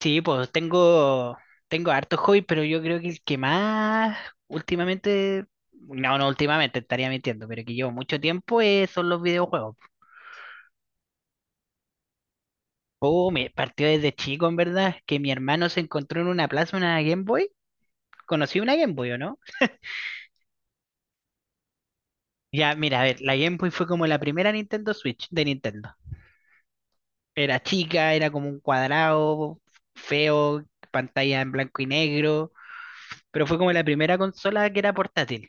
Sí, pues tengo, tengo hartos hobbies, pero yo creo que el que más últimamente, no, no últimamente, estaría mintiendo, pero que llevo mucho tiempo son los videojuegos. Oh, me partió desde chico, en verdad, que mi hermano se encontró en una plaza una Game Boy. Conocí una Game Boy, ¿o no? Ya, mira, a ver, la Game Boy fue como la primera Nintendo Switch de Nintendo. Era chica, era como un cuadrado, feo, pantalla en blanco y negro, pero fue como la primera consola que era portátil.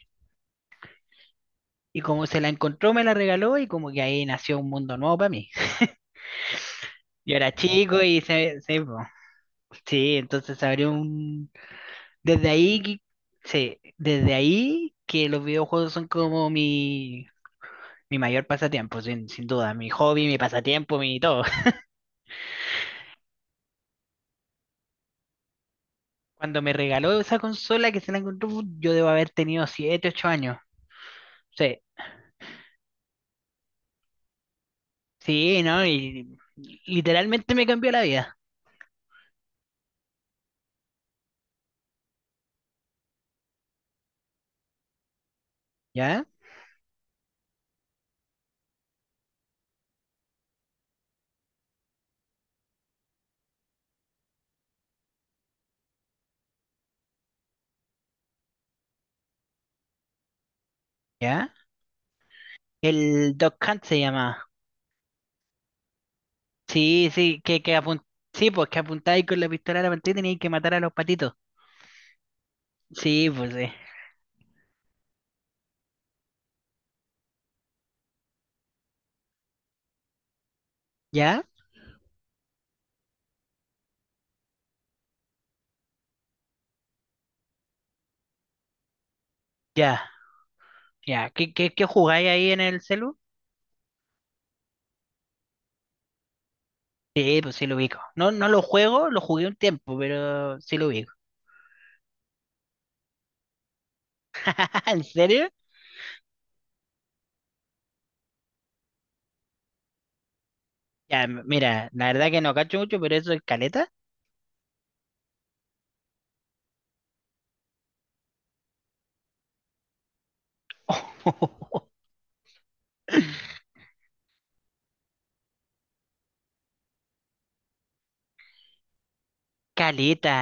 Y como se la encontró, me la regaló y como que ahí nació un mundo nuevo para mí. Yo era chico y po. Sí, entonces se abrió un... Desde ahí, que- sí, desde ahí que los videojuegos son como mi mayor pasatiempo, sin duda, mi hobby, mi pasatiempo, mi todo. Cuando me regaló esa consola que se la encontró, yo debo haber tenido siete ocho años. Sí, sí, ¿no? Y literalmente me cambió la vida. ¿Ya? ¿Ya? El Duck Hunt se llama. Sí, sí, sí, pues que apuntáis con la pistola a la pantalla y teníais que matar a los patitos. Sí, pues sí. ¿Ya? Ya, ya. ¿Qué jugáis ahí en el celu? Sí, pues sí lo ubico. No, no lo juego, lo jugué un tiempo, pero sí lo ubico. ¿En serio? Ya, mira, la verdad que no cacho mucho, pero eso es caleta. Caleta.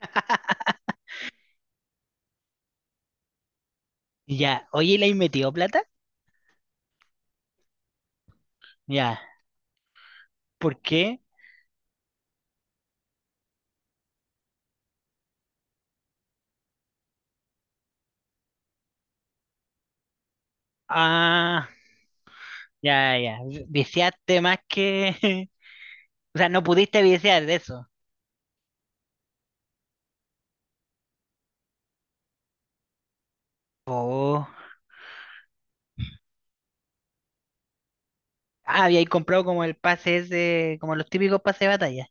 Ya, oye, ¿le has metido plata? Ya, ¿por qué? Ah, ya, ya. Viciaste más que... O sea, no pudiste viciar de eso. Oh. Ah, había comprado como el pase ese, como los típicos pases de batalla.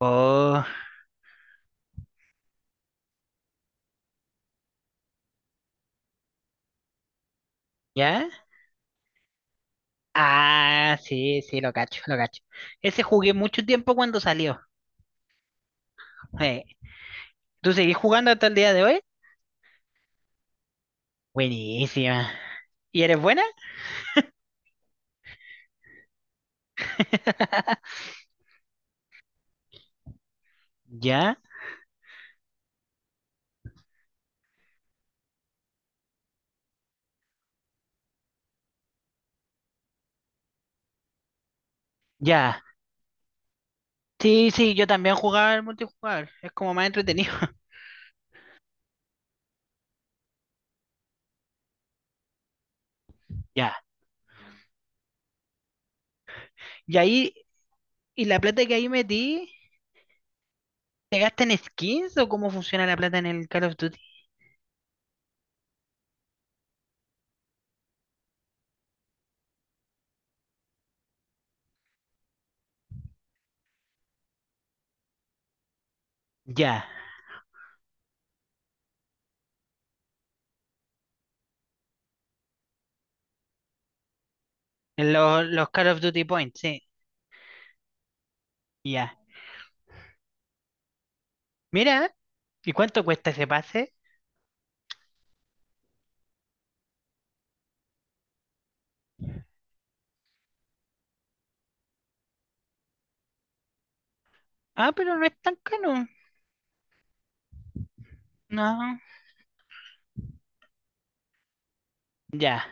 Oh, ¿ya? Ah, sí, sí, lo cacho, lo cacho. Ese jugué mucho tiempo cuando salió. Eh, ¿Tú seguís jugando hasta el día de hoy? Buenísima. ¿Y eres buena? ¿Ya? Ya. Sí, sí, yo también jugaba el multijugador. Es como más entretenido. Ya. Y ahí, ¿y la plata que ahí metí? ¿Te gastan en skins o cómo funciona la plata en el Call of Duty? Ya. En los Call of Duty Points, sí. Ya. Mira, ¿y cuánto cuesta ese pase? Ah, pero no es tan caro. No, ya.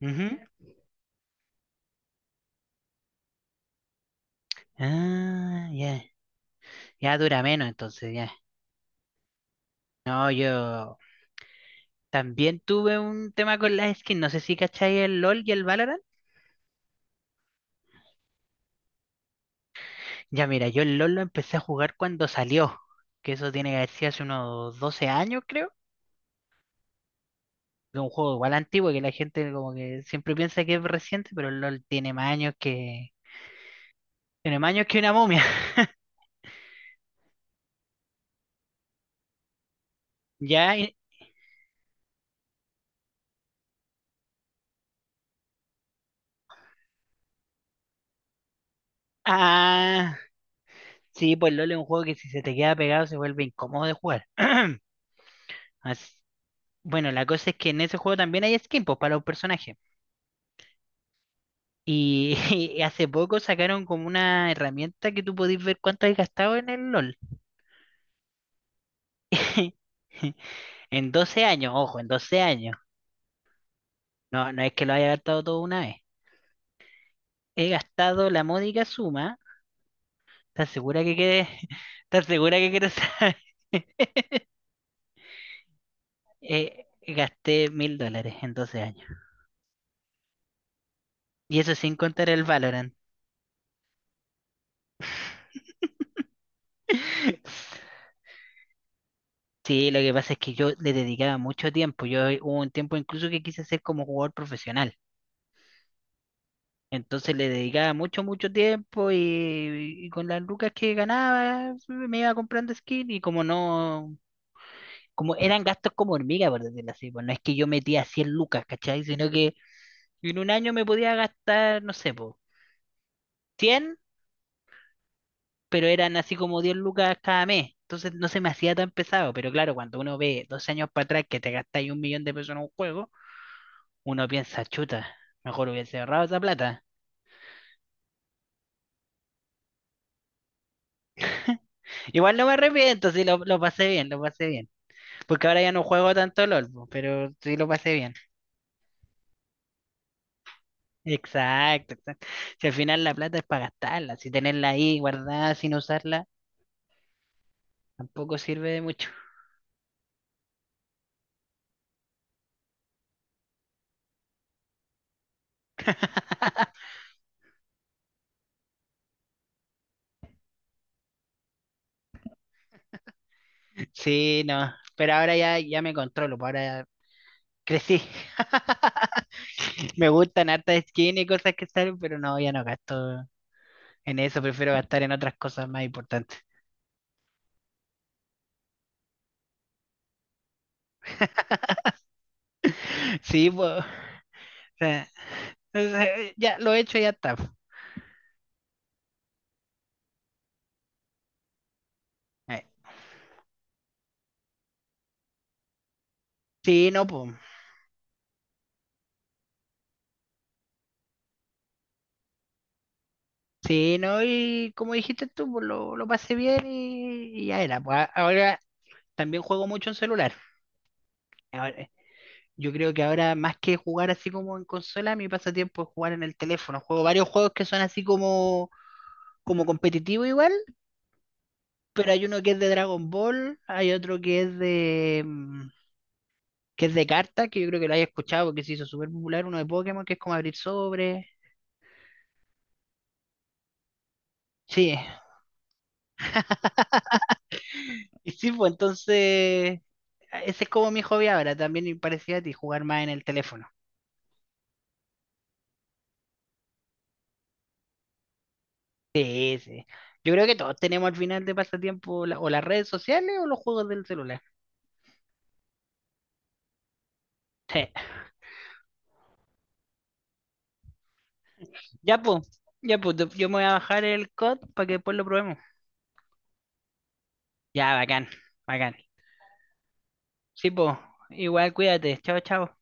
Ujú. Ah, ya. Ya dura menos, entonces, ya. No, yo también tuve un tema con las skins. No sé si cacháis el LOL y el Valorant. Ya, mira, yo el LOL lo empecé a jugar cuando salió. Que eso tiene que haber sido hace unos 12 años, creo. Es un juego igual antiguo que la gente como que siempre piensa que es reciente, pero el LOL tiene más años que... Tiene más años que una momia. Ya, y- ah, sí, pues LOL es un juego que si se te queda pegado se vuelve incómodo de jugar. As- bueno, la cosa es que en ese juego también hay skins pues, para los personajes. Y, y hace poco sacaron como una herramienta que tú podés ver cuánto has gastado en el LOL. En 12 años, ojo, en 12 años. No, no es que lo haya gastado todo una vez. He gastado la módica suma. ¿Estás segura que quieres? ¿Estás segura que quieres saber? Gasté $1.000 en 12 años. Y eso sin contar el Valorant. Sí, lo que pasa es que yo le dedicaba mucho tiempo. Yo hubo un tiempo incluso que quise ser como jugador profesional. Entonces le dedicaba mucho, mucho tiempo y con las lucas que ganaba sí, me iba comprando skin y como no, como eran gastos como hormiga, por decirlo así. Pues no es que yo metía 100 lucas, ¿cachai? Sino que en un año me podía gastar, no sé, po, 100, pero eran así como 10 lucas cada mes. Entonces no se me hacía tan pesado. Pero claro, cuando uno ve dos años para atrás que te gastáis $1.000.000 en un juego uno piensa, chuta, mejor hubiese ahorrado esa plata. Igual no me arrepiento, si lo, lo pasé bien, lo pasé bien. Porque ahora ya no juego tanto LOL, po, pero sí lo pasé bien. Exacto, exacto. Si al final la plata es para gastarla, si tenerla ahí guardada sin usarla, tampoco sirve de mucho. Sí, no, pero ahora ya, ya me controlo, po, ahora crecí. Me gustan hartas skins y cosas que salen, pero no, ya no gasto en eso, prefiero gastar en otras cosas más importantes. Sí, pues. Sea, o sea, ya lo he hecho, ya está. Eh, Sí, no, pues. Sí, no, y como dijiste tú, pues lo pasé bien y ya era. Pues ahora también juego mucho en celular. Ahora, yo creo que ahora más que jugar así como en consola, mi pasatiempo es jugar en el teléfono. Juego varios juegos que son así como, como competitivo igual, pero hay uno que es de Dragon Ball, hay otro que es de que es de cartas, que yo creo que lo hayas escuchado porque se hizo súper popular, uno de Pokémon que es como abrir sobre. Sí, y sí, pues entonces, ese es como mi hobby ahora, también me parecía a ti, jugar más en el teléfono. Sí, sí. Yo creo que todos tenemos al final de pasatiempo la- o las redes sociales o los juegos del celular. Sí. Ya pues, yo me voy a bajar el COD para que después lo probemos. Ya, bacán, bacán. Sí, pues, igual cuídate. Chao, chao.